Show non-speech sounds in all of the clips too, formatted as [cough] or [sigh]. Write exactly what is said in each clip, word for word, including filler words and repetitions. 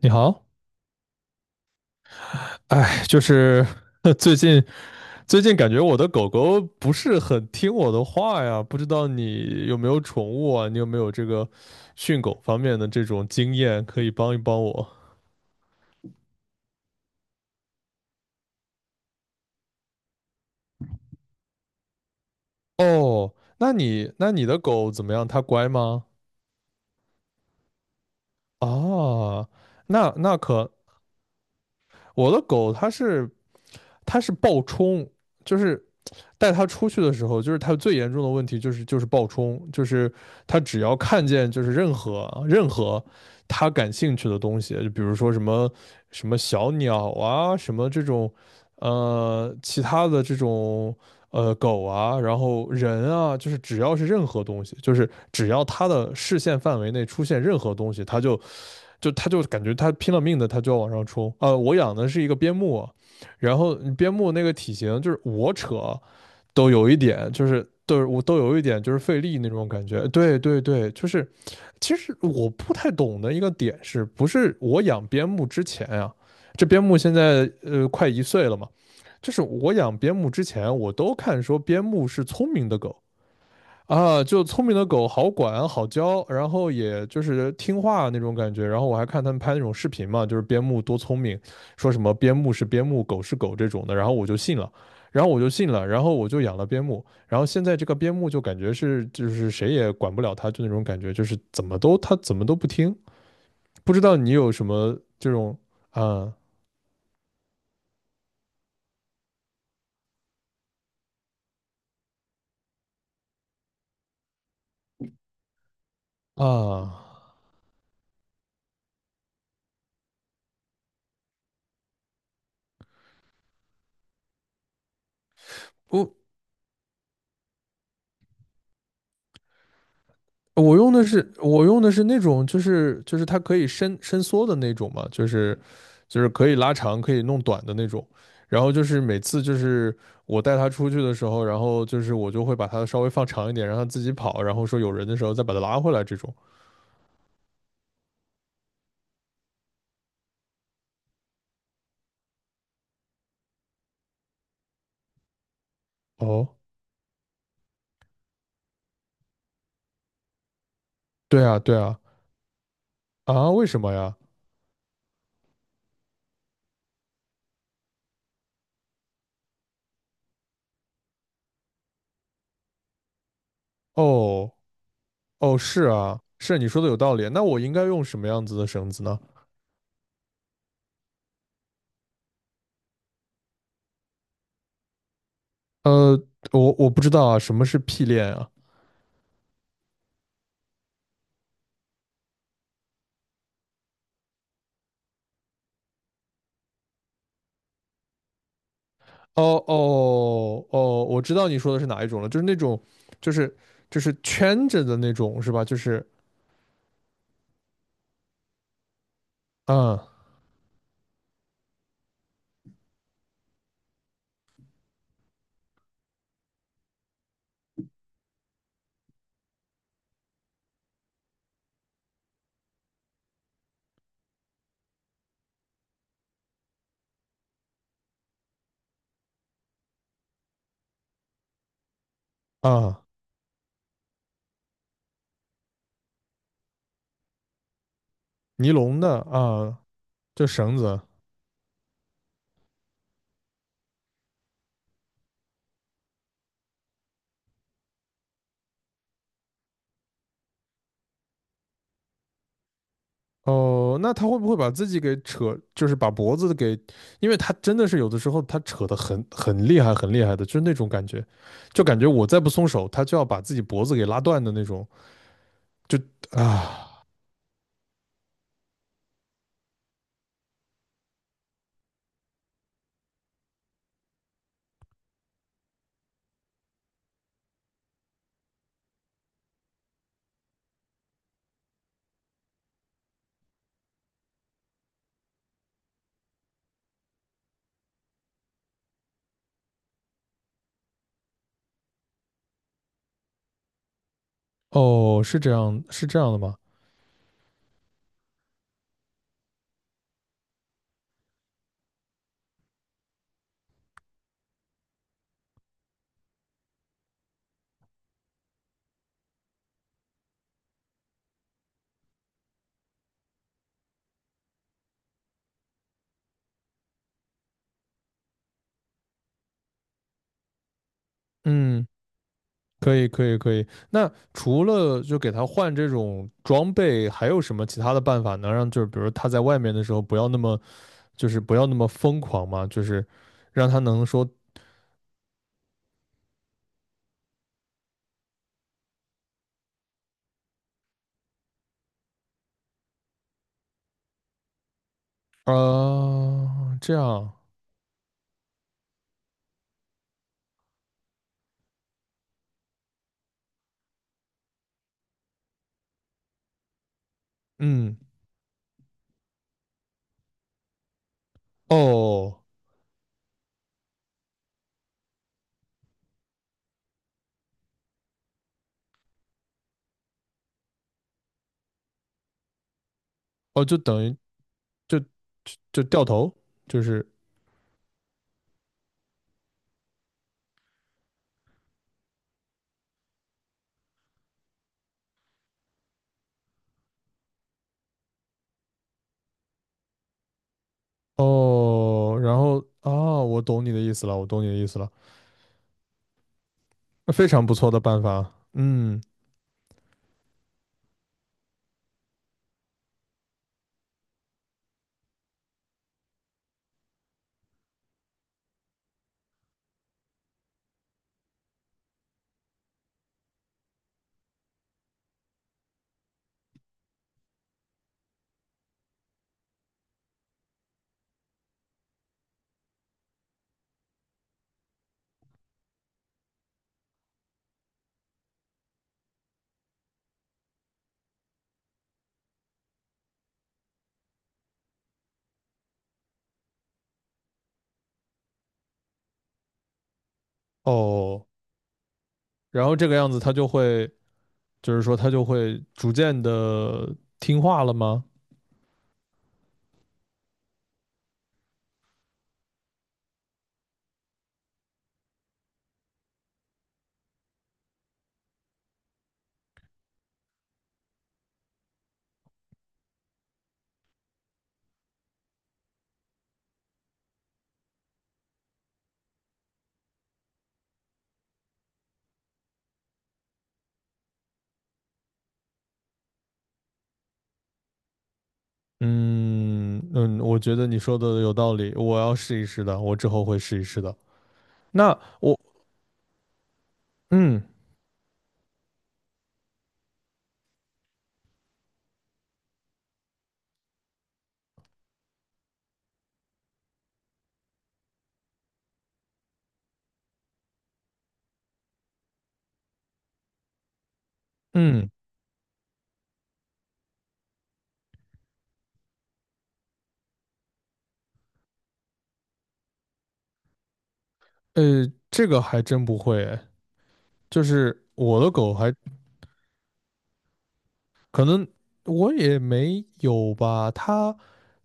你好。哎，就是 [laughs] 最近最近感觉我的狗狗不是很听我的话呀，不知道你有没有宠物啊？你有没有这个训狗方面的这种经验，可以帮一帮我？哦，那你那你的狗怎么样？它乖吗？啊，那那可我的狗它是它是暴冲，就是带它出去的时候，就是它最严重的问题就是就是暴冲，就是它只要看见就是任何任何它感兴趣的东西，就比如说什么什么小鸟啊，什么这种呃其他的这种呃狗啊，然后人啊，就是只要是任何东西，就是只要它的视线范围内出现任何东西，它就就他就感觉他拼了命的，他就要往上冲。呃，我养的是一个边牧，然后边牧那个体型就是我扯都有一点，就是都我都有一点就是费力那种感觉。对对对，就是其实我不太懂的一个点是不是我养边牧之前啊，这边牧现在呃快一岁了嘛，就是我养边牧之前，我都看说边牧是聪明的狗，啊，就聪明的狗好管好教，然后也就是听话那种感觉。然后我还看他们拍那种视频嘛，就是边牧多聪明，说什么边牧是边牧，狗是狗这种的，然后我就信了，然后我就信了，然后我就养了边牧，然后现在这个边牧就感觉是就是谁也管不了它，就那种感觉，就是怎么都它怎么都不听。不知道你有什么这种。啊。啊。不。我用的是我用的是那种，就是就是它可以伸伸缩的那种嘛，就是就是可以拉长、可以弄短的那种。然后就是每次就是我带它出去的时候，然后就是我就会把它稍微放长一点，让它自己跑，然后说有人的时候再把它拉回来这种。哦。对啊，对啊。啊，为什么呀？哦哦，是啊，是啊，你说的有道理。那我应该用什么样子的绳子呢？呃，我我不知道啊，什么是屁链啊？哦哦哦，我知道你说的是哪一种了，就是那种，就是就是圈着的那种，是吧？就是。啊。啊，尼龙的啊，就绳子。哦，那他会不会把自己给扯，就是把脖子给，因为他真的是有的时候他扯得很很厉害，很厉害的，就是那种感觉，就感觉我再不松手，他就要把自己脖子给拉断的那种，就啊。哦，是这样，是这样的吗？嗯。可以，可以，可以。那除了就给他换这种装备，还有什么其他的办法能让就是，比如他在外面的时候不要那么就是不要那么疯狂嘛？就是让他能说。啊、呃这样。嗯。哦哦，就等于就就掉头，就是。哦，然后啊，我懂你的意思了，我懂你的意思了，非常不错的办法，嗯。哦，然后这个样子他就会。就是说它就会逐渐的听话了吗？嗯嗯，我觉得你说的有道理，我要试一试的，我之后会试一试的。那我嗯。嗯。呃，这个还真不会诶，就是我的狗还可能我也没有吧，他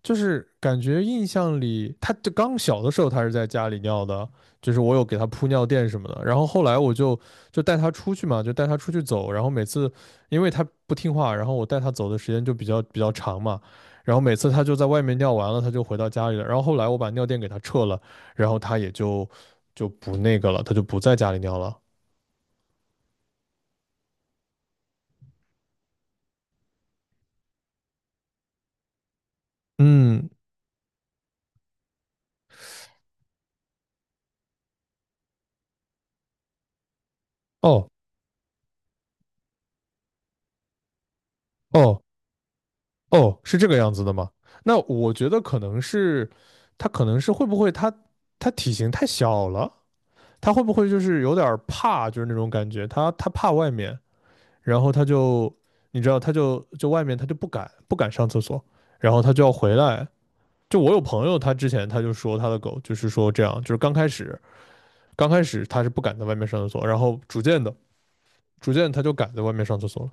就是感觉印象里，他就刚小的时候他是在家里尿的，就是我有给他铺尿垫什么的，然后后来我就就带他出去嘛，就带他出去走，然后每次因为他不听话，然后我带他走的时间就比较比较长嘛，然后每次他就在外面尿完了，他就回到家里了，然后后来我把尿垫给他撤了，然后他也就就不那个了，他就不在家里尿了。嗯。哦哦。哦，是这个样子的吗？那我觉得可能是，它可能是会不会它它体型太小了，它会不会就是有点儿怕，就是那种感觉，它它怕外面，然后它就你知道，它就就外面它就不敢不敢上厕所，然后它就要回来。就我有朋友，他之前他就说他的狗就是说这样，就是刚开始刚开始它是不敢在外面上厕所，然后逐渐的逐渐它就敢在外面上厕所了。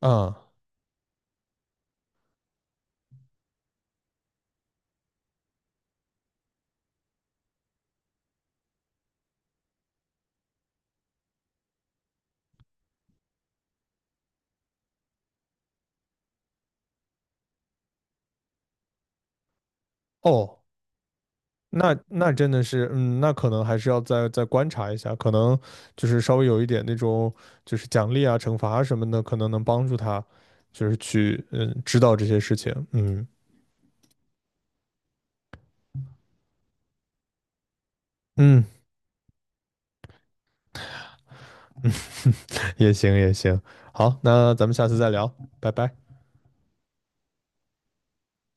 啊。哦，那那真的是，嗯，那可能还是要再再观察一下，可能就是稍微有一点那种，就是奖励啊、惩罚啊什么的，可能能帮助他，就是去嗯知道这些事情。嗯。嗯嗯，[laughs] 也行也行，好，那咱们下次再聊，拜拜。